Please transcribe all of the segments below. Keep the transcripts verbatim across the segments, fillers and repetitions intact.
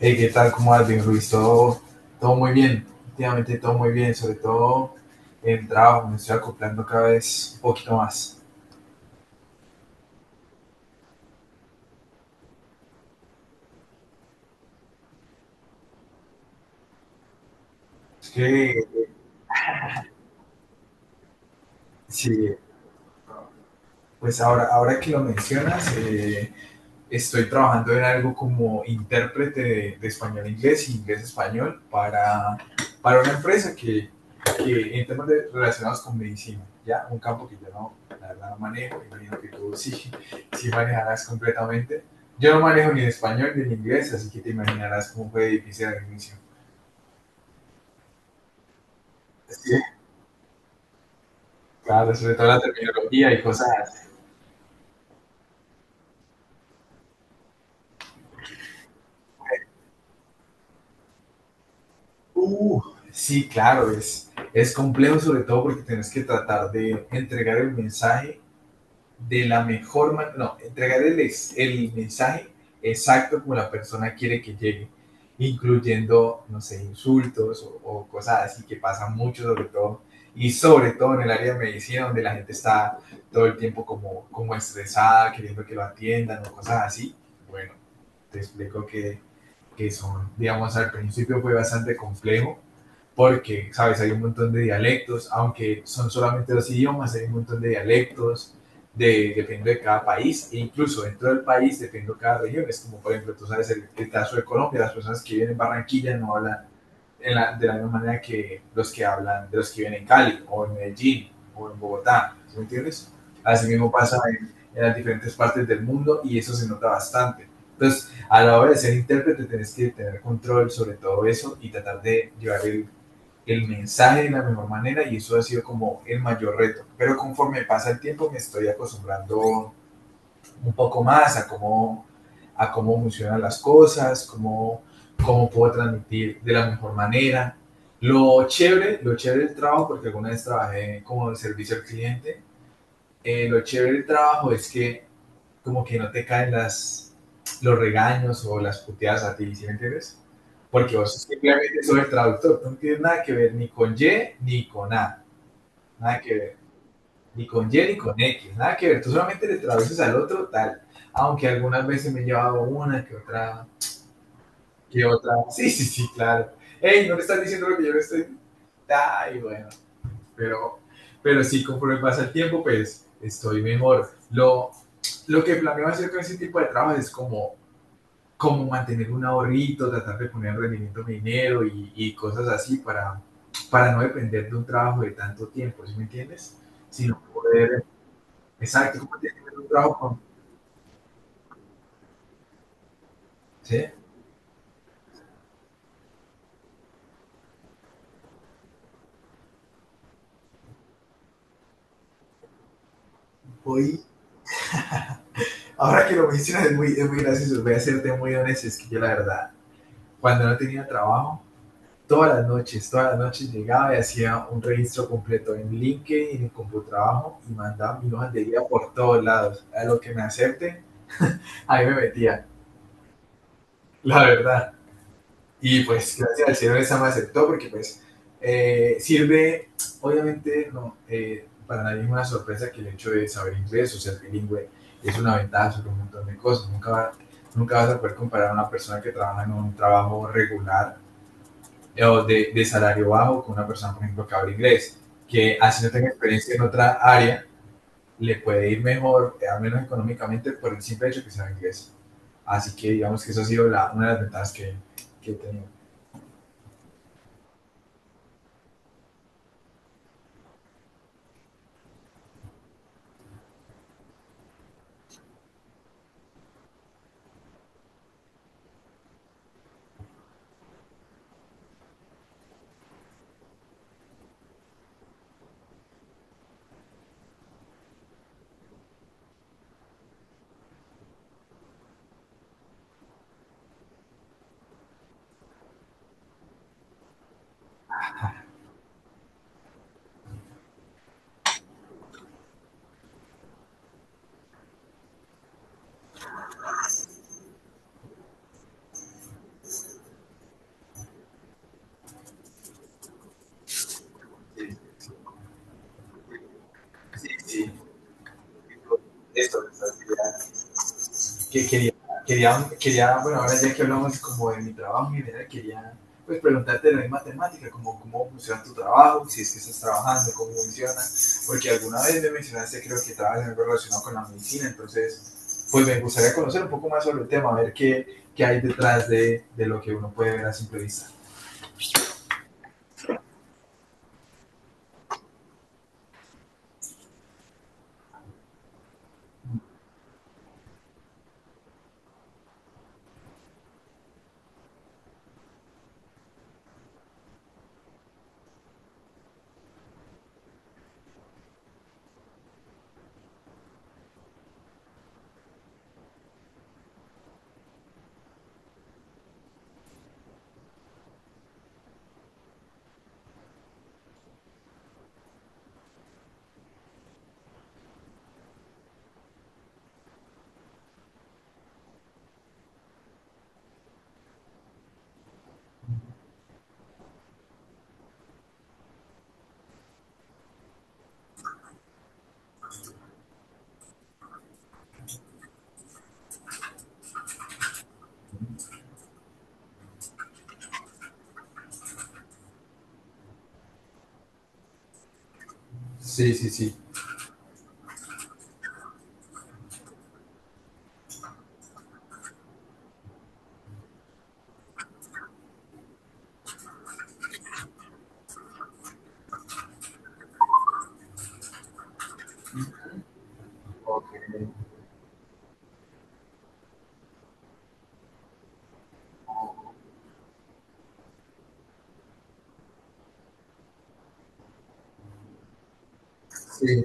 Hey, ¿qué tal? ¿Cómo vas? Bien, Luis? Todo, todo muy bien, últimamente todo muy bien, sobre todo en el trabajo, me estoy acoplando cada vez un poquito más. Es que, sí, pues ahora, ahora que lo mencionas, eh, estoy trabajando en algo como intérprete de, de español-inglés y inglés-español para, para una empresa que, que en temas de- relacionados con medicina, ya un campo que yo no, la verdad no manejo, imagino que tú sí, sí manejarás completamente. Yo no manejo ni el español ni el inglés, así que te imaginarás cómo fue difícil al inicio. Sí, claro, sobre todo la terminología y cosas así. Uh, sí, claro, es, es complejo sobre todo porque tienes que tratar de entregar el mensaje de la mejor manera, no, entregar el, el mensaje exacto como la persona quiere que llegue, incluyendo, no sé, insultos o, o cosas así que pasan mucho, sobre todo, y sobre todo en el área de medicina, donde la gente está todo el tiempo como, como estresada, queriendo que lo atiendan o cosas así. Bueno, te explico que, que son, digamos, al principio fue bastante complejo porque, ¿sabes? Hay un montón de dialectos, aunque son solamente los idiomas, hay un montón de dialectos, de, depende de cada país, e incluso dentro del país depende de cada región. Es como, por ejemplo, tú sabes el, el caso de Colombia, las personas que viven en Barranquilla no hablan en la, de la misma manera que los que hablan, de los que viven en Cali, o en Medellín, o en Bogotá, ¿sí ¿me entiendes? Así mismo pasa en, en las diferentes partes del mundo y eso se nota bastante. Entonces, a la hora de ser intérprete, tienes que tener control sobre todo eso y tratar de llevar el el mensaje de la mejor manera y eso ha sido como el mayor reto. Pero conforme pasa el tiempo me estoy acostumbrando un poco más a cómo, a cómo funcionan las cosas, cómo, cómo puedo transmitir de la mejor manera. Lo chévere, lo chévere del trabajo, porque alguna vez trabajé como servicio al cliente, eh, lo chévere del trabajo es que como que no te caen las, los regaños o las puteadas a ti, ¿sí me entiendes? Porque vos simplemente sos el traductor, tú no tienes nada que ver ni con i griega ni con A, nada que ver, ni con Y ni con equis, nada que ver, tú solamente le traduces al otro tal, aunque algunas veces me he llevado una que otra, que otra, sí, sí, sí, claro, hey, no le estás diciendo lo que yo le estoy, ay, bueno, pero, pero sí, conforme pasa el tiempo, pues estoy mejor. Lo, lo que planeo hacer con ese tipo de trabajos es como cómo mantener un ahorrito, tratar de poner en rendimiento a mi dinero y, y, cosas así para, para no depender de un trabajo de tanto tiempo, ¿sí me entiendes? Sino poder, exacto, como tener un trabajo con, ¿sí? Voy, Ahora que lo mencionas es muy, es muy gracioso, voy a serte muy honesto, es que yo la verdad, cuando no tenía trabajo, todas las noches, todas las noches llegaba y hacía un registro completo en linked in, en el Computrabajo y mandaba mi hojas de vida por todos lados. A lo que me acepten, ahí me metía, la verdad. Y pues gracias al cielo esa me aceptó porque pues eh, sirve, obviamente no, eh, para nadie es una sorpresa que el hecho de saber inglés o ser bilingüe es una ventaja sobre un montón de cosas. Nunca, va, nunca vas a poder comparar a una persona que trabaja en un trabajo regular eh, o de, de salario bajo con una persona, por ejemplo, que habla inglés, que así no tenga experiencia en otra área, le puede ir mejor, eh, al menos económicamente, por el simple hecho que sabe inglés. Así que digamos que eso ha sido la, una de las ventajas que, que he tenido. Sí, sí. Sí, sí. Esto, que quería, quería, quería, bueno, ahora ya que hablamos como de mi trabajo en general, quería pues preguntarte de la misma temática, como cómo funciona tu trabajo, si es que estás trabajando, cómo funciona, porque alguna vez me mencionaste, creo que trabajas en algo relacionado con la medicina, entonces, pues me gustaría conocer un poco más sobre el tema, a ver qué, qué hay detrás de, de lo que uno puede ver a simple vista. Sí, sí, sí. Ok, sí,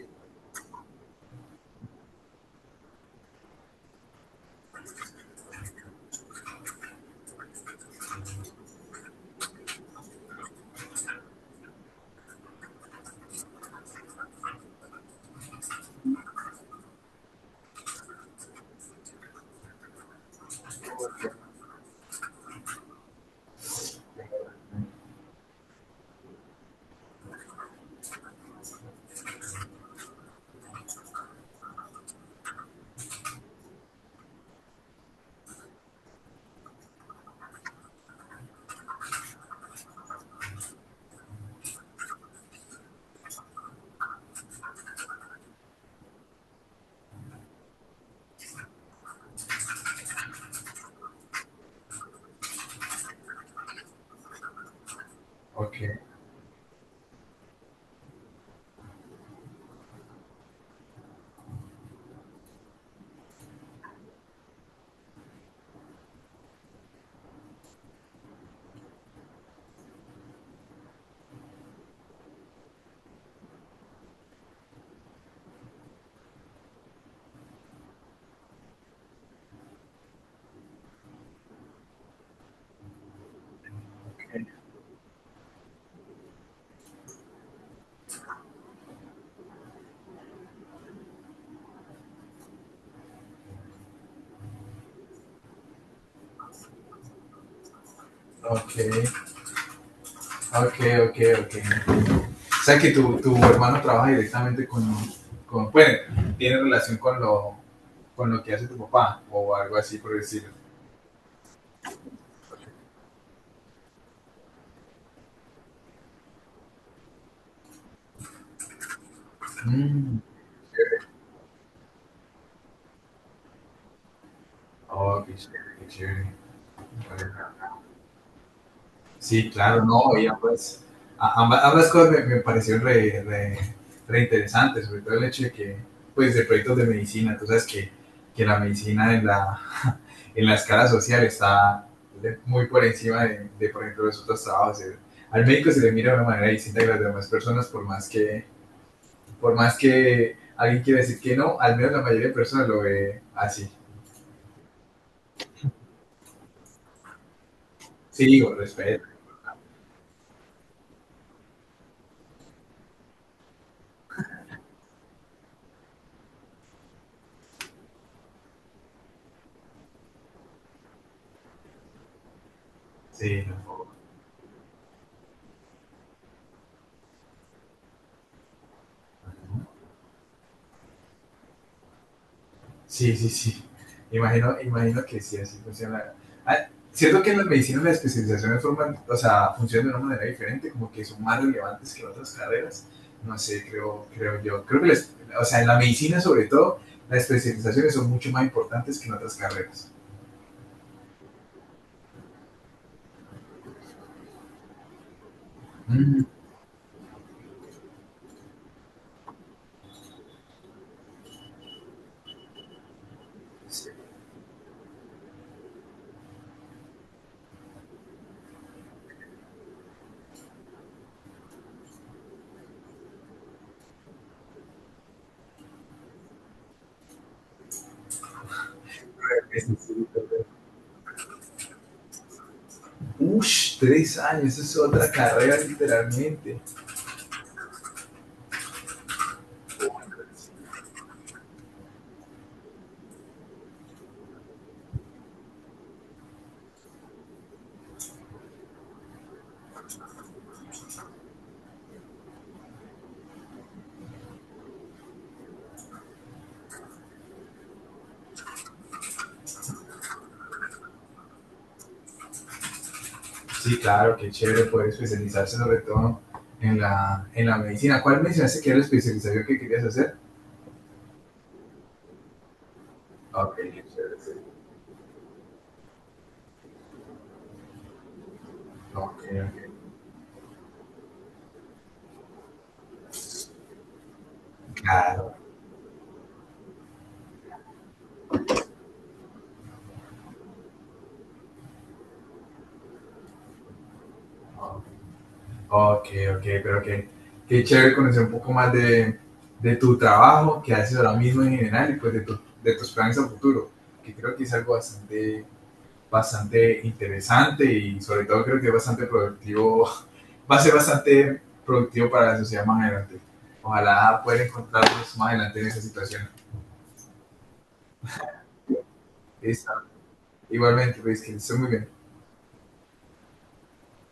ok, ok, ok, ok, ok. O sea que tu, tu hermano trabaja directamente con, con bueno, tiene relación con lo, con lo que hace tu papá o algo así por decirlo. Mm. Oh, qué chévere, qué chévere. Sí, claro, no, y ambas, ambas, ambas cosas me, me parecieron re, re, re interesantes, sobre todo el hecho de que, pues, de proyectos de medicina, tú sabes que, que la medicina en la, en la escala social está muy por encima de, de, por ejemplo, los otros trabajos. Al médico se le mira de una manera distinta que las demás personas, por más que, por más que alguien quiera decir que no, al menos la mayoría de personas lo ve así. Sí, con respeto, sí, tampoco. Sí, sí, sí. Imagino, imagino que sí, así funciona. Ah, siento que en las medicinas las especializaciones forman, o sea, funcionan de una manera diferente, como que son más relevantes que en otras carreras. No sé, creo, creo yo. Creo que, las- o sea, en la medicina sobre todo, las especializaciones son mucho más importantes que en otras carreras. Mm, sí, creo que sí, sí, creo que- sí. Ush, tres años, eso es otra carrera literalmente. Sí, claro, qué chévere poder especializarse sobre todo en la, en la medicina. ¿Cuál mencionaste que era la especialización que querías hacer? Ok, ok, ok, claro. Ok, ok, pero que qué chévere conocer un poco más de, de tu trabajo que haces ahora mismo en general y pues de, tu- de tus planes a futuro, que creo que es algo bastante, bastante interesante y sobre todo creo que es bastante productivo, va a ser bastante productivo para la sociedad más adelante. Ojalá puedan encontrarnos más adelante en esa situación. Listo. Igualmente, pues, que estés muy bien.